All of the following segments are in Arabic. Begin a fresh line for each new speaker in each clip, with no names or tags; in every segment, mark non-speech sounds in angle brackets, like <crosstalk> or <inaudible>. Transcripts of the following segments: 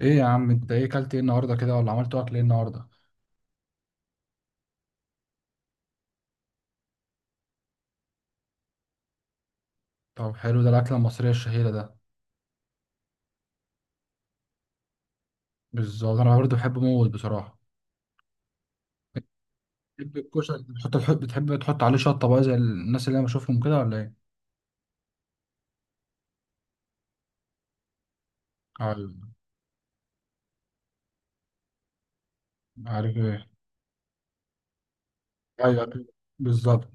ايه يا عم، انت ايه كلت؟ ايه النهارده كده ولا عملت اكل ايه النهارده؟ طب حلو، ده الاكله المصريه الشهيره ده. بالظبط، انا برضه بحبه موت بصراحه. بتحب الكشري؟ بتحط بتحب تحط عليه شطه بقى زي الناس اللي انا بشوفهم كده ولا ايه؟ ايوه. عارف ايه؟ ايوه، أكيد. بالظبط.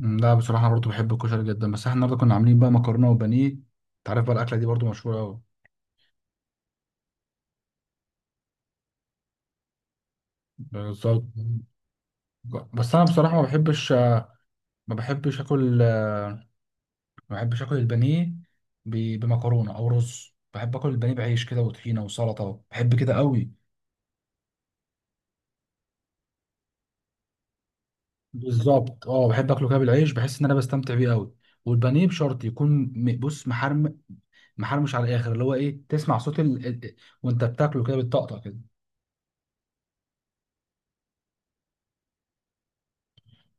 لا، بصراحه انا برضه بحب الكشري جدا، بس احنا النهارده كنا عاملين بقى مكرونه وبانيه. انت عارف بقى الاكله دي برضه مشهوره قوي. بالظبط. بس انا بصراحه ما بحبش اكل ما بحبش اكل البانيه بمكرونه او رز. بحب اكل البانيه بعيش كده وطحينه وسلطه، بحب كده قوي. بالظبط، اه، بحب اكله كده بالعيش، بحس ان انا بستمتع بيه قوي. والبانيه بشرط يكون بص، محرم، محرمش على الاخر، اللي هو ايه، تسمع صوت وانت بتاكله كده بالطقطقه كده.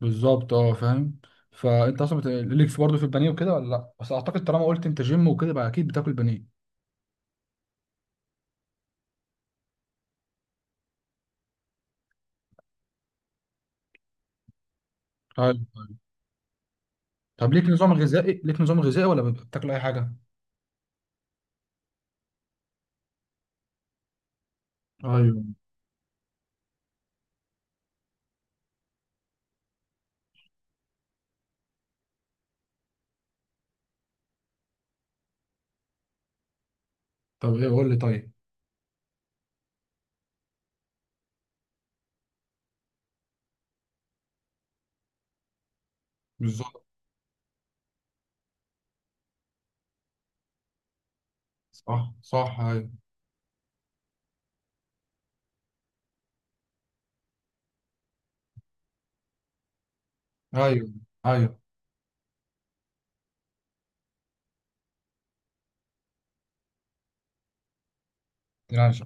بالظبط، اه، فاهم. فانت اصلا ليك في برضه في البانيه وكده ولا لا؟ بس اعتقد طالما قلت انت جيم وكده بقى اكيد بتاكل بانيه. طيب طيب. طب ليك نظام غذائي؟ ليك نظام غذائي ولا بتاكل اي حاجه؟ ايوه. طب ايه، قول لي طيب. بالظبط. صح صح، ايوه. ايوه ايوه. ماشي.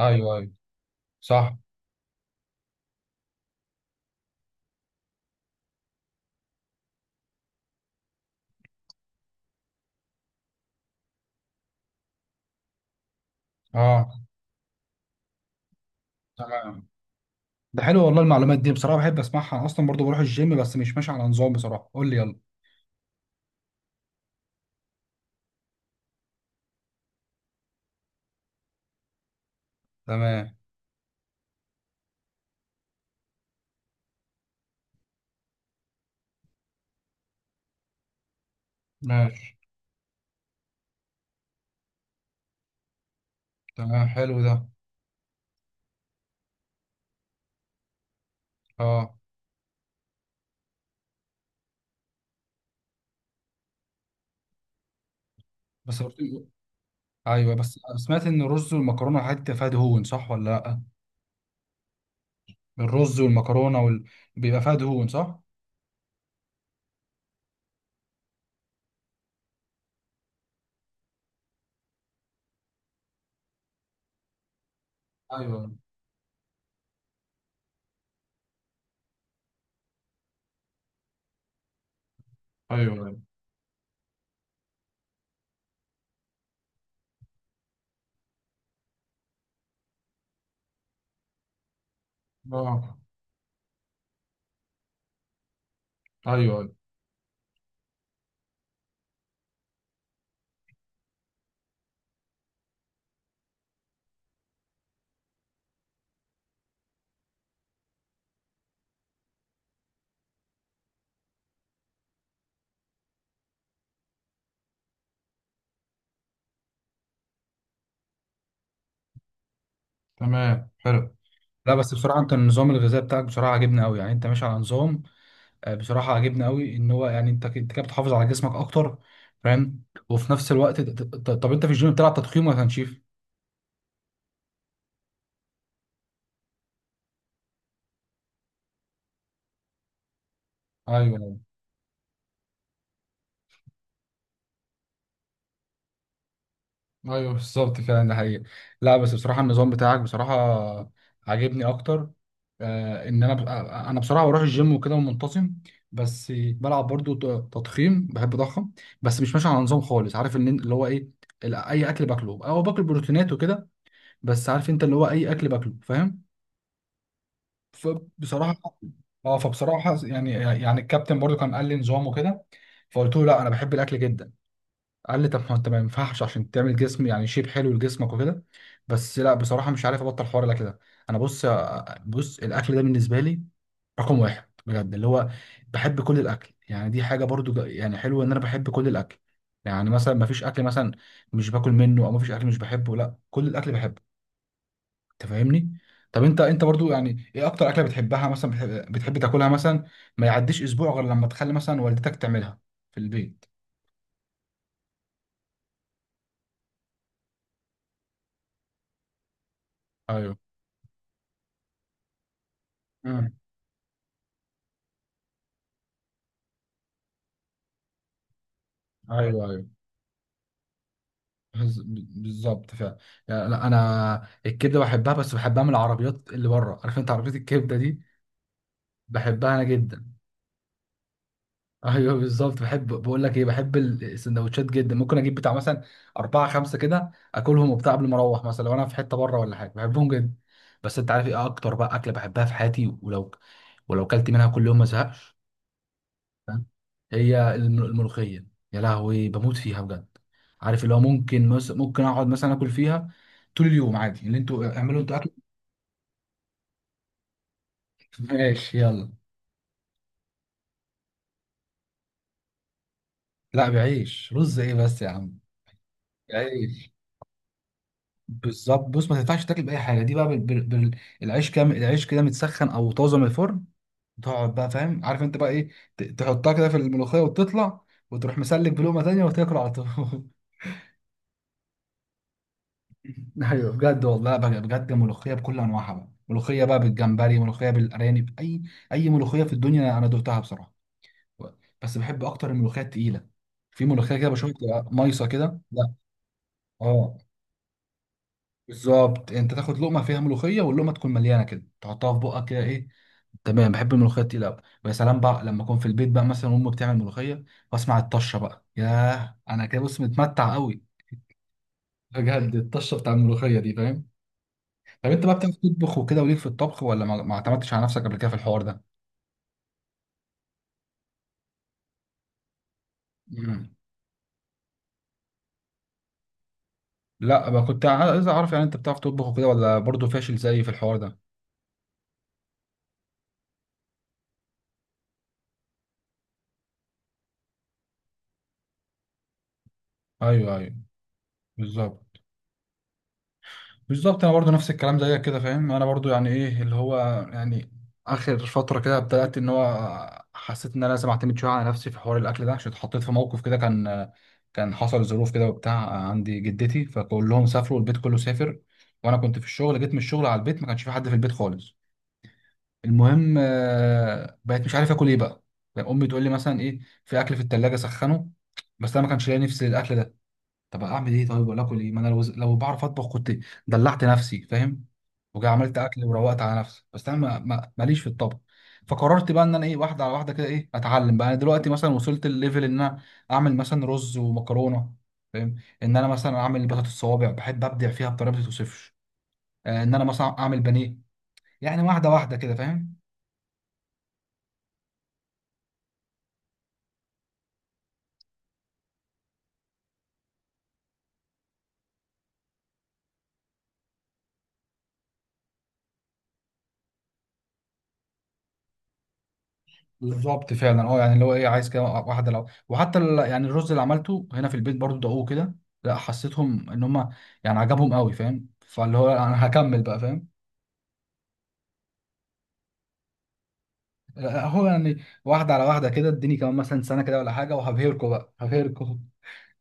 ايوه ايوه. صح. اه. تمام. ده حلو والله، المعلومات دي بصراحه بحب اسمعها. أنا اصلا برضو بروح الجيم، بس مش ماشي على نظام بصراحه، قول لي يلا. تمام. ماشي. تمام حلو ده. اه. بس بت- ايوه، بس سمعت ان الرز والمكرونه والحاجات دي بتبقى فيها دهون، صح ولا لا؟ الرز والمكرونه بيبقى فيها دهون صح. ايوه ايوه. ايوه. اه. ايوه ايوه. تمام حلو. لا، بس بصراحه انت النظام الغذائي بتاعك بصراحه عجبني قوي، يعني انت ماشي على نظام. بصراحة عجبني قوي ان هو، يعني انت انت كده بتحافظ على جسمك اكتر. فاهم. وفي نفس الوقت طب انت في الجيم بتلعب تضخيم ولا تنشيف؟ ايوه. ايوه، بالظبط فعلا، ده حقيقي. لا، بس بصراحة النظام بتاعك بصراحة عاجبني اكتر. ان انا انا بصراحة بروح الجيم وكده ومنتظم. بس بلعب برضو تضخيم، بحب اضخم. بس مش ماشي على نظام خالص، عارف ان اللي هو ايه، اي اكل باكله، او باكل بروتينات وكده. بس عارف انت اللي هو اي اكل باكله، فاهم. فبصراحه. اه، فبصراحه يعني، الكابتن برضو كان قال لي نظام وكده. فقلت له لا انا بحب الاكل جدا. قال لي طب ما انت ما ينفعش، عشان تعمل جسم يعني شيب حلو لجسمك وكده. بس لا بصراحه مش عارف ابطل حوار الاكل ده. انا بص، بص الاكل ده بالنسبه لي رقم واحد بجد، اللي هو بحب كل الاكل. يعني دي حاجه برضو يعني حلوه ان انا بحب كل الاكل. يعني مثلا ما فيش اكل مثلا مش باكل منه، او ما فيش اكل مش بحبه، لا كل الاكل بحبه. انت فاهمني. طب انت، انت برضو يعني ايه اكتر اكله بتحبها مثلا، بتحب تاكلها مثلا ما يعديش اسبوع غير لما تخلي مثلا والدتك تعملها في البيت؟ ايوه. امم. ايوه ايوه. بز- بالظبط فعلا. يعني لا انا الكبده بحبها، بس بحبها من العربيات اللي بره، عارف انت عربيه الكبده دي. بحبها انا جدا. ايوه، بالظبط. بحب بقول لك ايه، بحب السندوتشات جدا، ممكن اجيب بتاع مثلا اربعه خمسه كده اكلهم وبتاع قبل ما اروح مثلا لو انا في حته بره ولا حاجه، بحبهم جدا. بس انت عارف ايه اكتر بقى اكله بحبها في حياتي ولو كلت منها كل يوم ما ازهقش؟ فاهم؟ هي الملوخيه. يا لهوي، بموت فيها بجد. عارف اللي هو ممكن ممكن اقعد مثلا اكل فيها طول اليوم عادي، اللي انتوا اعملوا انتوا اكل. <laughs> ماشي، يلا. لا، بعيش، رز ايه بس يا عم؟ بعيش. بالظبط. بص ما تنفعش تاكل باي حاجه دي بقى العيش، كام العيش كده متسخن او طازه من الفرن، تقعد بقى، فاهم، عارف انت بقى ايه، تحطها كده في الملوخيه وتطلع، وتروح مسلك بلقمه تانيه وتاكل على طول. <laughs> ايوه، بجد والله بقى بجد، ملوخيه بكل انواعها بقى، ملوخيه بقى بالجمبري، ملوخيه بالارانب، اي ملوخيه في الدنيا انا دقتها بصراحه. بس بحب اكتر الملوخيه التقيله. في ملوخيه كده بشوفها بتبقى مايصه كده، لا. اه، بالظبط. انت تاخد لقمه فيها ملوخيه، واللقمه تكون مليانه كده، تحطها في بقك كده، ايه. تمام. بحب الملوخيه التقيله قوي، ويا سلام بقى لما اكون في البيت بقى مثلا وامي بتعمل ملوخيه واسمع الطشه بقى، ياه انا كده بص متمتع قوي. بجد الطشه بتاع الملوخيه دي، فاهم. طب انت بقى بتعرف تطبخ وكده وليك في الطبخ، ولا ما اعتمدتش على نفسك قبل كده في الحوار ده؟ مم. لا بقى، كنت عايز اعرف يعني انت بتعرف تطبخ وكده ولا برضه فاشل زيي في الحوار ده. ايوه ايوه. بالظبط. بالظبط. انا برضو نفس الكلام زيك كده، فاهم. انا برضو يعني ايه اللي هو يعني اخر فتره كده بدات، ان هو حسيت ان انا لازم اعتمد شويه على نفسي في حوار الاكل ده، عشان اتحطيت في موقف كده كان حصل ظروف كده وبتاع. عندي جدتي فكلهم سافروا، البيت كله سافر، وانا كنت في الشغل. جيت من الشغل على البيت ما كانش في حد في البيت خالص. المهم، بقيت مش عارف اكل ايه بقى. يعني امي تقول لي مثلا ايه، في اكل في التلاجة سخنه، بس انا ما كانش لاقي نفسي للاكل ده. طب اعمل ايه طيب؟ ولا اكل ايه؟ ما انا لو بعرف اطبخ كنت دلعت نفسي، فاهم. وجا عملت اكل وروقت على نفسي. بس انا ماليش في الطبخ. فقررت بقى ان انا ايه، واحده على واحده كده، ايه اتعلم بقى. انا دلوقتي مثلا وصلت الليفل ان انا اعمل مثلا رز ومكرونه، فاهم. ان انا مثلا اعمل بطاطس الصوابع، بحب ابدع فيها بطريقه ما توصفش. ان انا مثلا اعمل بانيه. يعني واحده واحده كده، فاهم. بالظبط فعلا اه. يعني اللي هو ايه عايز كده واحده، لو وحتى يعني الرز اللي عملته هنا في البيت برضو دقوه كده. لا حسيتهم ان هم يعني عجبهم قوي، فاهم، فاللي هو انا هكمل بقى، فاهم. هو يعني واحدة على واحدة كده، اديني كمان مثلا سنة كده ولا حاجة وهبهركوا بقى هبهركوا.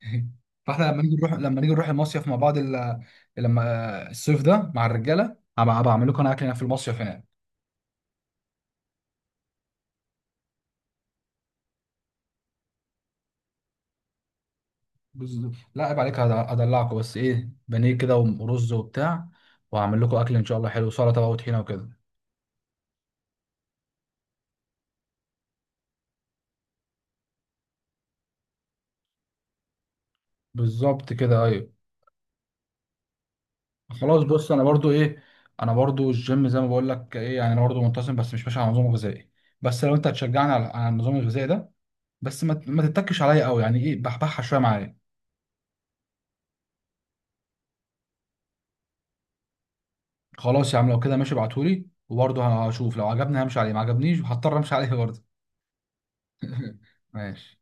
<laughs> فاحنا لما نيجي نروح المصيف مع بعض لما الصيف ده مع الرجالة هبقى اعمل لكم انا اكل هناك في المصيف هناك. لا عيب عليك، هدلعكم، بس ايه، بانيه كده ورز وبتاع، وهعمل لكم اكل ان شاء الله حلو، سلطة بقى وطحينة وكده. بالظبط كده، ايوه. خلاص بص، انا برضو ايه، انا برضو الجيم زي ما بقول لك ايه، يعني انا برضو منتظم بس مش ماشي على نظام غذائي. بس لو انت هتشجعني على النظام الغذائي ده، بس ما تتكش عليا قوي، يعني ايه، بحبحها شويه معايا. خلاص يا عم، لو كده ماشي، ابعتهولي وبرضه هشوف لو عجبني همشي عليه، ما عجبنيش هضطر امشي عليه برضه. <laughs> ماشي.